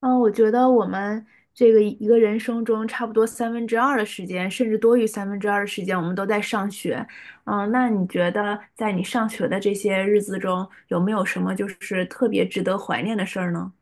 嗯，我觉得我们这个一个人生中，差不多三分之二的时间，甚至多于三分之二的时间，我们都在上学。那你觉得在你上学的这些日子中，有没有什么就是特别值得怀念的事儿呢？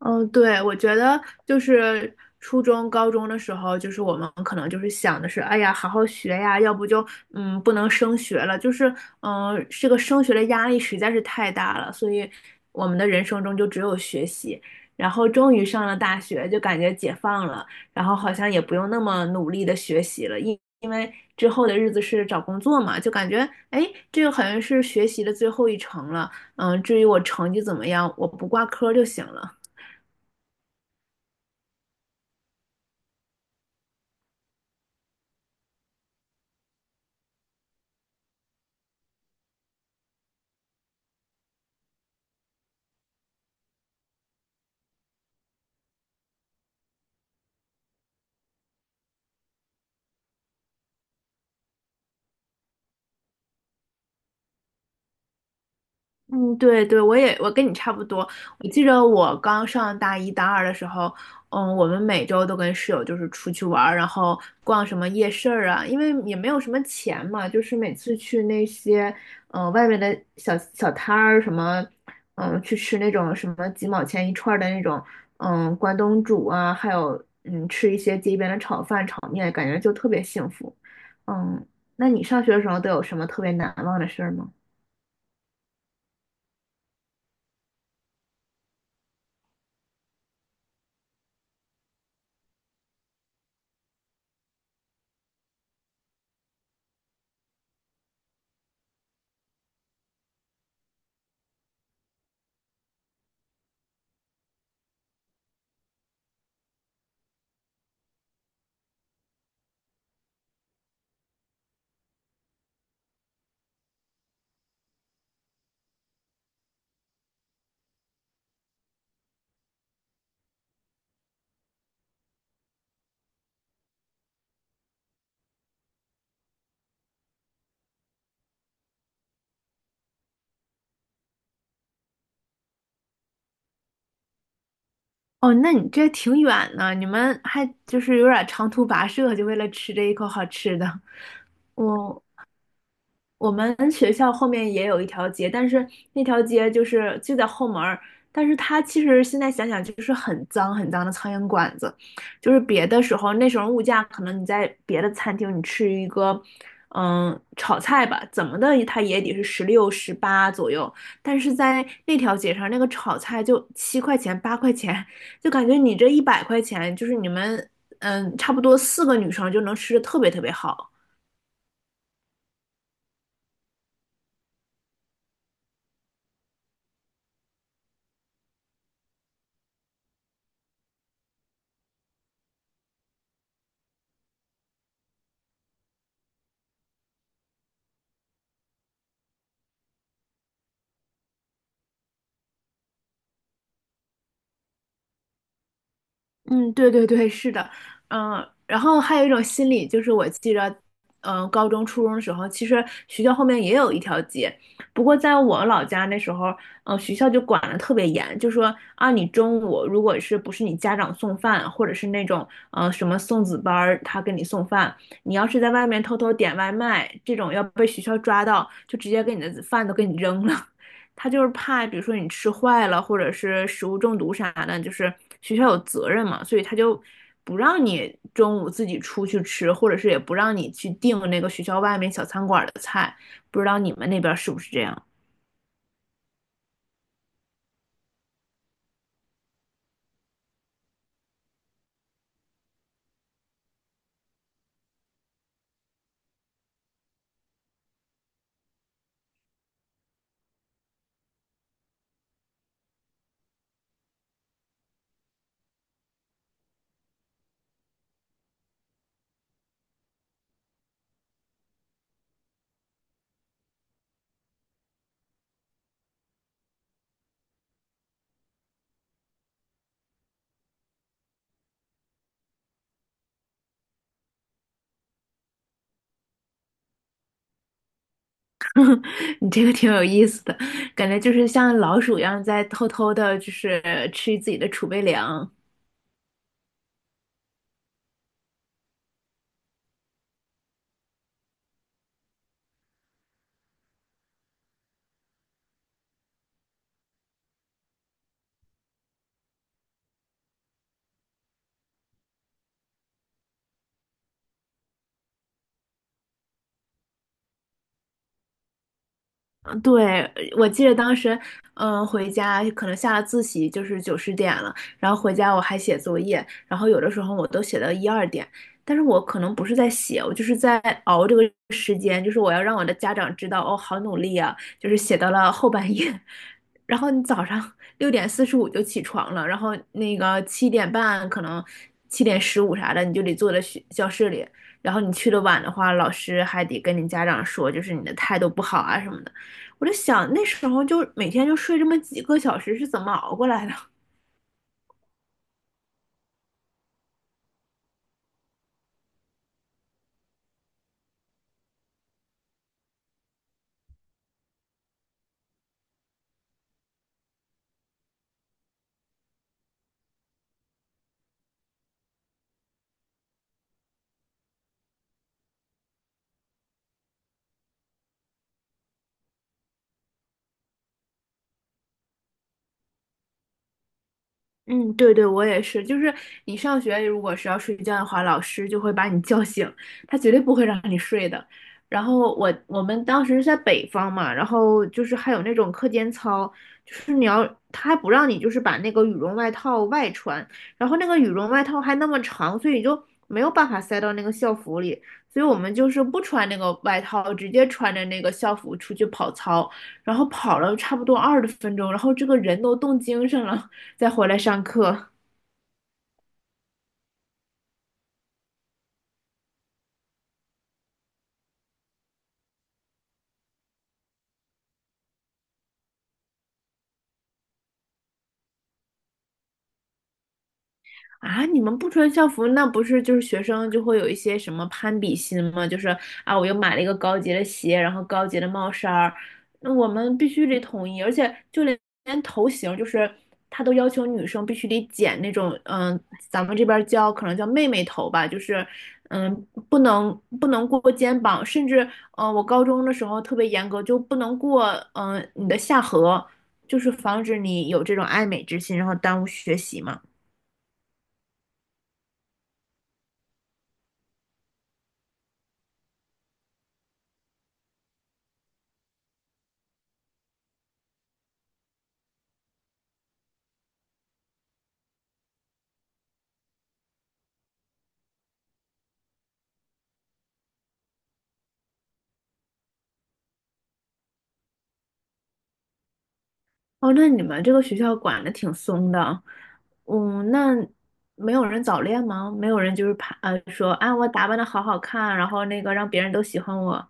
嗯，对，我觉得就是初中、高中的时候，就是我们可能就是想的是，哎呀，好好学呀，要不就不能升学了，就是这个升学的压力实在是太大了，所以我们的人生中就只有学习。然后终于上了大学，就感觉解放了，然后好像也不用那么努力的学习了，因为之后的日子是找工作嘛，就感觉哎，这个好像是学习的最后一程了。至于我成绩怎么样，我不挂科就行了。嗯，对对，我也，我跟你差不多。我记得我刚上大一大二的时候，我们每周都跟室友就是出去玩儿，然后逛什么夜市儿啊，因为也没有什么钱嘛，就是每次去那些外面的小摊儿什么，去吃那种什么几毛钱一串儿的那种，关东煮啊，还有吃一些街边的炒饭、炒面，感觉就特别幸福。嗯，那你上学的时候都有什么特别难忘的事儿吗？哦，那你这挺远呢，你们还就是有点长途跋涉，就为了吃这一口好吃的。我我们学校后面也有一条街，但是那条街就是就在后门儿，但是它其实现在想想就是很脏很脏的苍蝇馆子，就是别的时候那时候物价可能你在别的餐厅你吃一个，炒菜吧，怎么的它也得是16、18左右，但是在那条街上那个炒菜就7块8块钱，就感觉你这100块钱就是你们差不多四个女生就能吃的特别特别好。嗯，对对对，是的，嗯，然后还有一种心理就是，我记着，高中、初中的时候，其实学校后面也有一条街，不过在我老家那时候，学校就管得特别严，就说啊，你中午如果是不是你家长送饭，或者是那种什么送子班儿他给你送饭，你要是在外面偷偷点外卖，这种要被学校抓到，就直接给你的饭都给你扔了。他就是怕，比如说你吃坏了，或者是食物中毒啥的，就是学校有责任嘛，所以他就不让你中午自己出去吃，或者是也不让你去订那个学校外面小餐馆的菜。不知道你们那边是不是这样？你这个挺有意思的，感觉就是像老鼠一样在偷偷的，就是吃自己的储备粮。嗯，对，我记得当时，回家可能下了自习就是9、10点了，然后回家我还写作业，然后有的时候我都写到1、2点，但是我可能不是在写，我就是在熬这个时间，就是我要让我的家长知道，哦，好努力啊，就是写到了后半夜，然后你早上6:45就起床了，然后那个7点半可能7:15啥的你就得坐在学教室里，然后你去的晚的话，老师还得跟你家长说，就是你的态度不好啊什么的。我就想那时候就每天就睡这么几个小时是怎么熬过来的？嗯，对对，我也是。就是你上学如果是要睡觉的话，老师就会把你叫醒，他绝对不会让你睡的。然后我们当时是在北方嘛，然后就是还有那种课间操，就是你要他还不让你就是把那个羽绒外套外穿，然后那个羽绒外套还那么长，所以就没有办法塞到那个校服里，所以我们就是不穿那个外套，直接穿着那个校服出去跑操，然后跑了差不多20分钟，然后这个人都冻精神了。再回来上课。啊，你们不穿校服，那不是就是学生就会有一些什么攀比心吗？就是啊，我又买了一个高级的鞋，然后高级的帽衫儿，那我们必须得统一，而且就连头型，就是他都要求女生必须得剪那种，咱们这边儿叫可能叫妹妹头吧，就是嗯，不能过肩膀，甚至我高中的时候特别严格，就不能过你的下颌，就是防止你有这种爱美之心，然后耽误学习嘛。哦，那你们这个学校管的挺松的，那没有人早恋吗？没有人就是怕说啊，我打扮的好好看，然后那个让别人都喜欢我。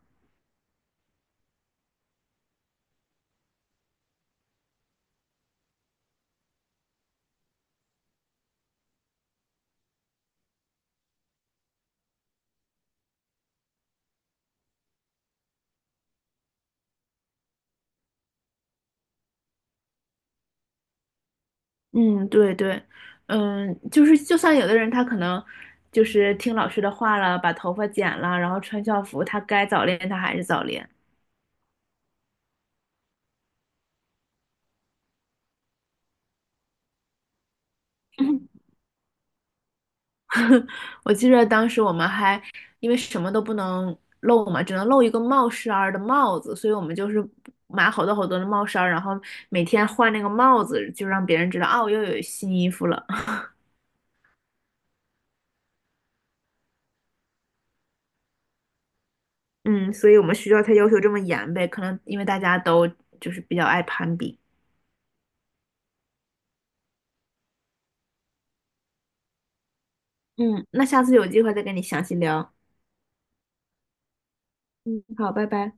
嗯，对对，就是就算有的人他可能就是听老师的话了，把头发剪了，然后穿校服，他该早恋他还是早恋。我记着当时我们还因为什么都不能露嘛，只能露一个帽衫儿的帽子，所以我们就是买好多好多的帽衫儿，然后每天换那个帽子，就让别人知道哦，我又有新衣服了。嗯，所以我们学校才要求这么严呗，可能因为大家都就是比较爱攀比。嗯，那下次有机会再跟你详细聊。嗯，好，拜拜。